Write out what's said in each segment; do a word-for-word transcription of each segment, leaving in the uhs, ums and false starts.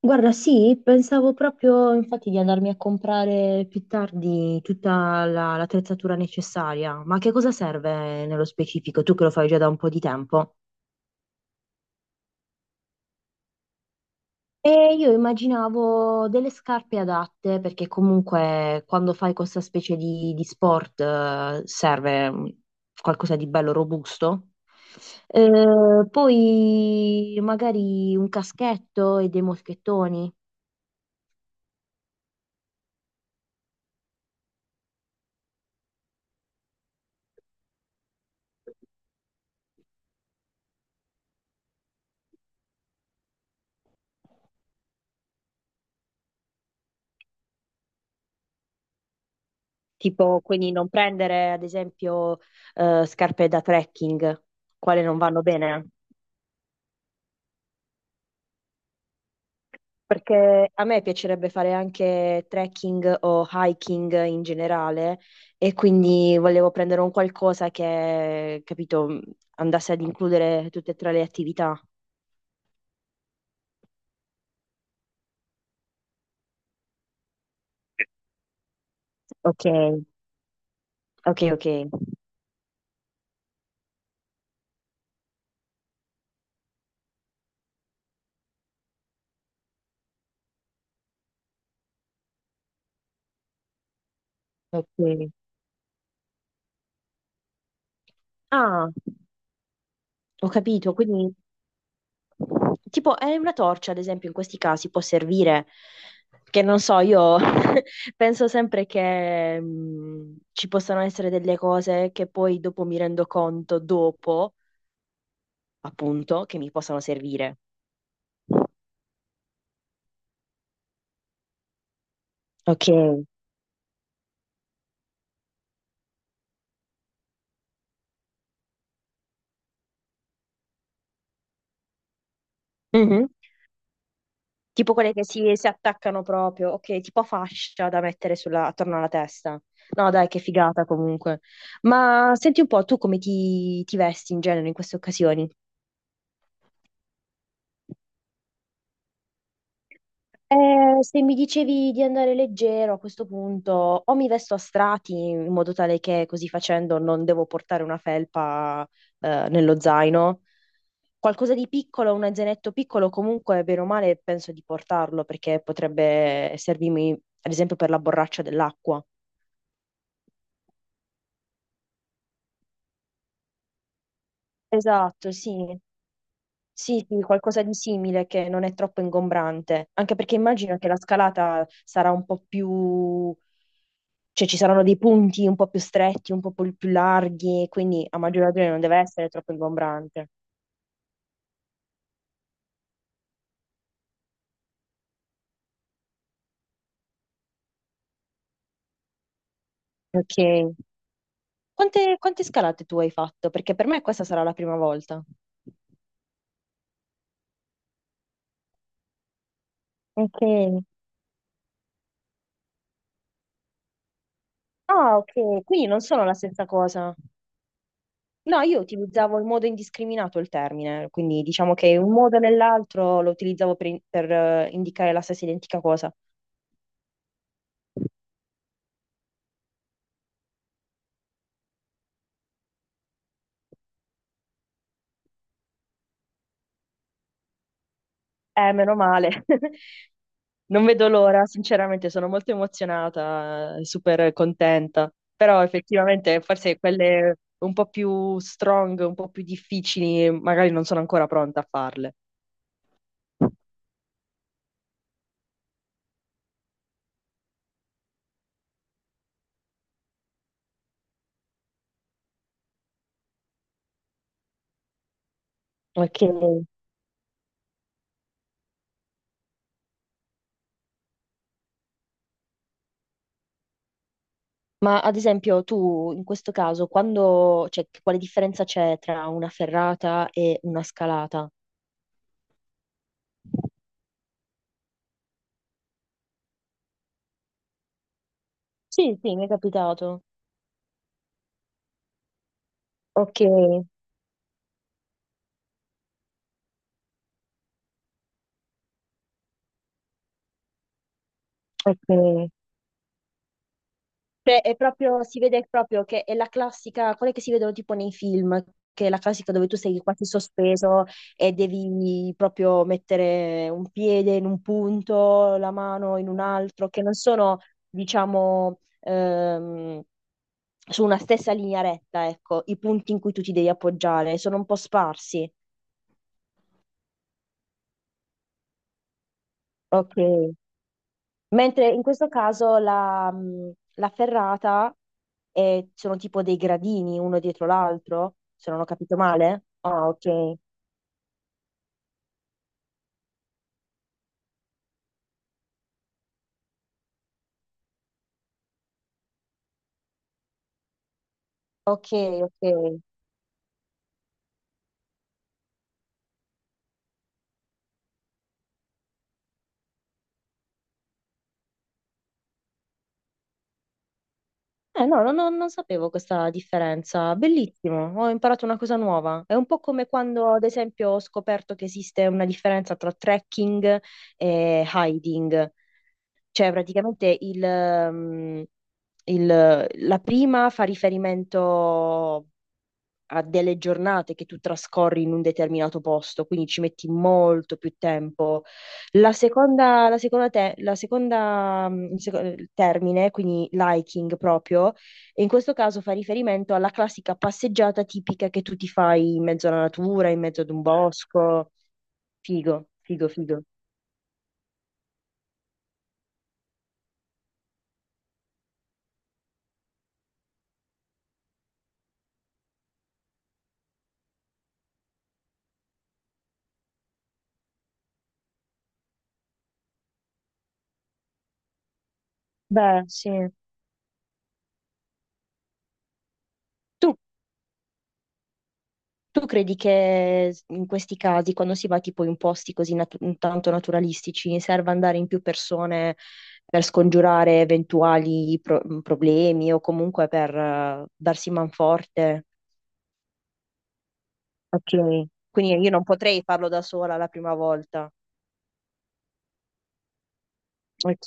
Guarda, sì, pensavo proprio infatti di andarmi a comprare più tardi tutta la- l'attrezzatura necessaria, ma che cosa serve nello specifico? Tu che lo fai già da un po' di tempo. E io immaginavo delle scarpe adatte, perché comunque quando fai questa specie di, di sport eh, serve mm, qualcosa di bello robusto. Eh, poi magari un caschetto e dei moschettoni. Tipo, quindi non prendere, ad esempio, eh, scarpe da trekking, quale non vanno bene. Perché a me piacerebbe fare anche trekking o hiking in generale e quindi volevo prendere un qualcosa che, capito, andasse ad includere tutte e tre le attività. Ok, ok, ok. Ok. Ah, ho capito, quindi tipo, è una torcia, ad esempio, in questi casi può servire, che non so, io penso sempre che mh, ci possano essere delle cose che poi dopo mi rendo conto, dopo, appunto, che mi possano servire. Ok. Mhm. Tipo quelle che si, si attaccano proprio, ok, tipo fascia da mettere sulla- attorno alla testa. No, dai, che figata comunque. Ma senti un po', tu come ti, ti vesti in genere in queste occasioni? Eh, se mi dicevi di andare leggero a questo punto, o mi vesto a strati in modo tale che così facendo non devo portare una felpa eh, nello zaino, qualcosa di piccolo, un zainetto piccolo comunque, bene o male, penso di portarlo perché potrebbe servirmi, ad esempio, per la borraccia dell'acqua. Esatto, sì. Sì, sì, qualcosa di simile che non è troppo ingombrante, anche perché immagino che la scalata sarà un po' più. Cioè ci saranno dei punti un po' più stretti, un po' pol- più larghi, quindi a maggior ragione non deve essere troppo ingombrante. Ok. Quante, quante scalate tu hai fatto? Perché per me questa sarà la prima volta. Ok. Ah, ok, quindi non sono la stessa cosa. No, io utilizzavo in modo indiscriminato il termine, quindi diciamo che un modo o nell'altro lo utilizzavo per, in- per, eh, indicare la stessa identica cosa. Eh, meno male. Non vedo l'ora, sinceramente sono molto emozionata, super contenta, però effettivamente forse quelle un po' più strong, un po' più difficili, magari non sono ancora pronta a farle. Ok. Ma ad esempio tu in questo caso, quando, cioè, che- quale differenza c'è tra una ferrata e una scalata? Sì, sì, mi è capitato. Ok, ok. Cioè, è proprio, si vede proprio che è la classica, quelle che si vedono tipo nei film, che è la classica dove tu sei quasi sospeso e devi proprio mettere un piede in un punto, la mano in un altro, che non sono, diciamo, ehm, su una stessa linea retta, ecco, i punti in cui tu ti devi appoggiare, sono un po' sparsi. Ok. Mentre in questo caso la, mh, la ferrata è- sono tipo dei gradini uno dietro l'altro, se non ho capito male. Ah, ok. Ok, ok. Eh no, non, non- non sapevo questa differenza. Bellissimo, ho imparato una cosa nuova. È un po' come quando, ad esempio, ho scoperto che esiste una differenza tra trekking e hiding. Cioè, praticamente il, mm, il- la prima fa riferimento a delle giornate che tu trascorri in un determinato posto, quindi ci metti molto più tempo. La seconda, la seconda, te- la seconda, mm, il seco- il termine, quindi liking proprio, e in questo caso fa riferimento alla classica passeggiata tipica che tu ti fai in mezzo alla natura, in mezzo ad un bosco. Figo, figo, figo. Beh, sì. Tu Tu credi che in questi casi, quando si va tipo in posti così natu- tanto naturalistici, serva andare in più persone per scongiurare eventuali pro- mm, problemi o comunque per eh, darsi manforte? Ok, quindi io non potrei farlo da sola la prima volta. Ok,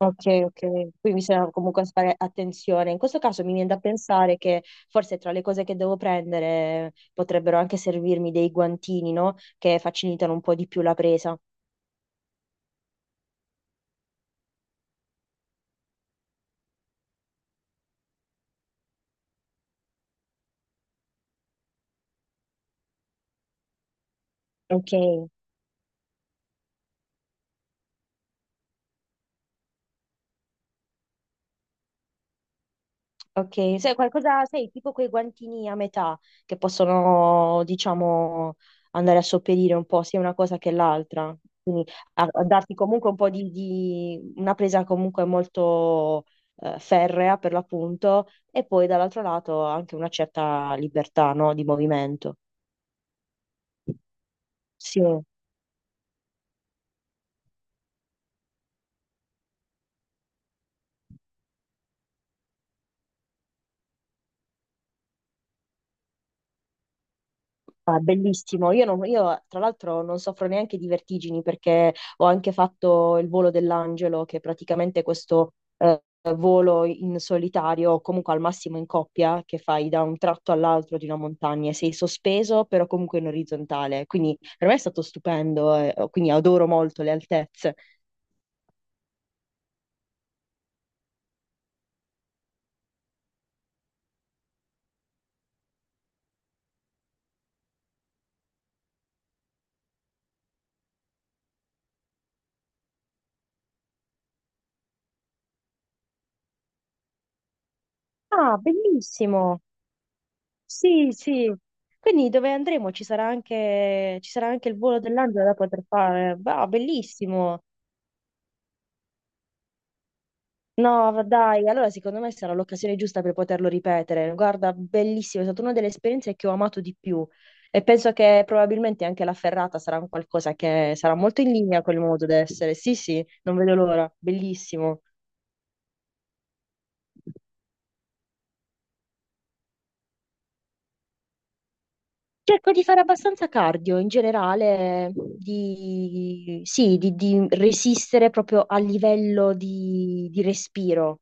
ok, ok. Quindi bisogna comunque fare attenzione. In questo caso mi viene da pensare che forse tra le cose che devo prendere potrebbero anche servirmi dei guantini, no? Che facilitano un po' di più la presa. Ok, ok, sai qualcosa, sai, tipo quei guantini a metà che possono, diciamo, andare a sopperire un po' sia una cosa che l'altra, quindi a, a darti comunque un po' di, di- una presa comunque molto eh, ferrea per l'appunto e poi dall'altro lato anche una certa libertà, no, di movimento. Sì. No, è bellissimo. Io, non- io, tra l'altro non soffro neanche di vertigini perché ho anche fatto il volo dell'angelo, che è praticamente questo eh, volo in solitario o comunque al massimo in coppia che fai da un tratto all'altro di una montagna e sei sospeso però comunque in orizzontale. Quindi per me è stato stupendo, eh, quindi adoro molto le altezze. Ah, bellissimo. Sì, sì. Quindi dove andremo? Ci sarà anche, ci sarà anche il volo dell'angelo da poter fare. Bah, bellissimo. No, va- dai, allora secondo me sarà l'occasione giusta per poterlo ripetere. Guarda, bellissimo, è stata una delle esperienze che ho amato di più e penso che probabilmente anche la ferrata sarà un qualcosa che sarà molto in linea col modo d'essere. Sì, sì, non vedo l'ora, bellissimo. Cerco di fare abbastanza cardio in generale, di, sì, di, di resistere proprio a livello di, di respiro.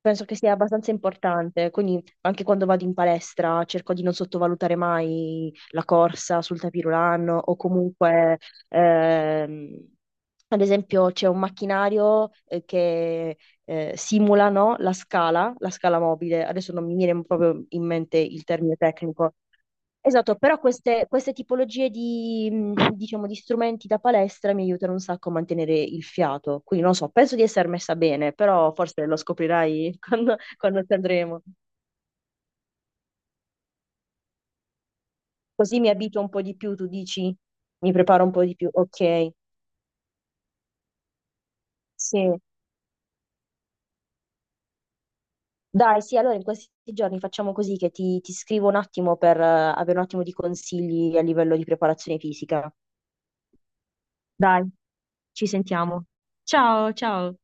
Penso che sia abbastanza importante, quindi anche quando vado in palestra cerco di non sottovalutare mai la corsa sul tapis roulant o comunque, ehm, ad esempio, c'è un macchinario eh, che eh, simula, no, la scala, la scala mobile. Adesso non mi viene proprio in mente il termine tecnico. Esatto, però queste, queste tipologie di, mh, diciamo, di strumenti da palestra mi aiutano un sacco a mantenere il fiato. Quindi non so, penso di essere messa bene, però forse lo scoprirai quando, quando ci andremo. Così mi abituo un po' di più, tu dici? Mi preparo un po' di più. Ok, sì. Dai, sì, allora in questi giorni facciamo così che ti, ti scrivo un attimo per eh, avere un attimo di consigli a livello di preparazione fisica. Dai, ci sentiamo. Ciao, ciao.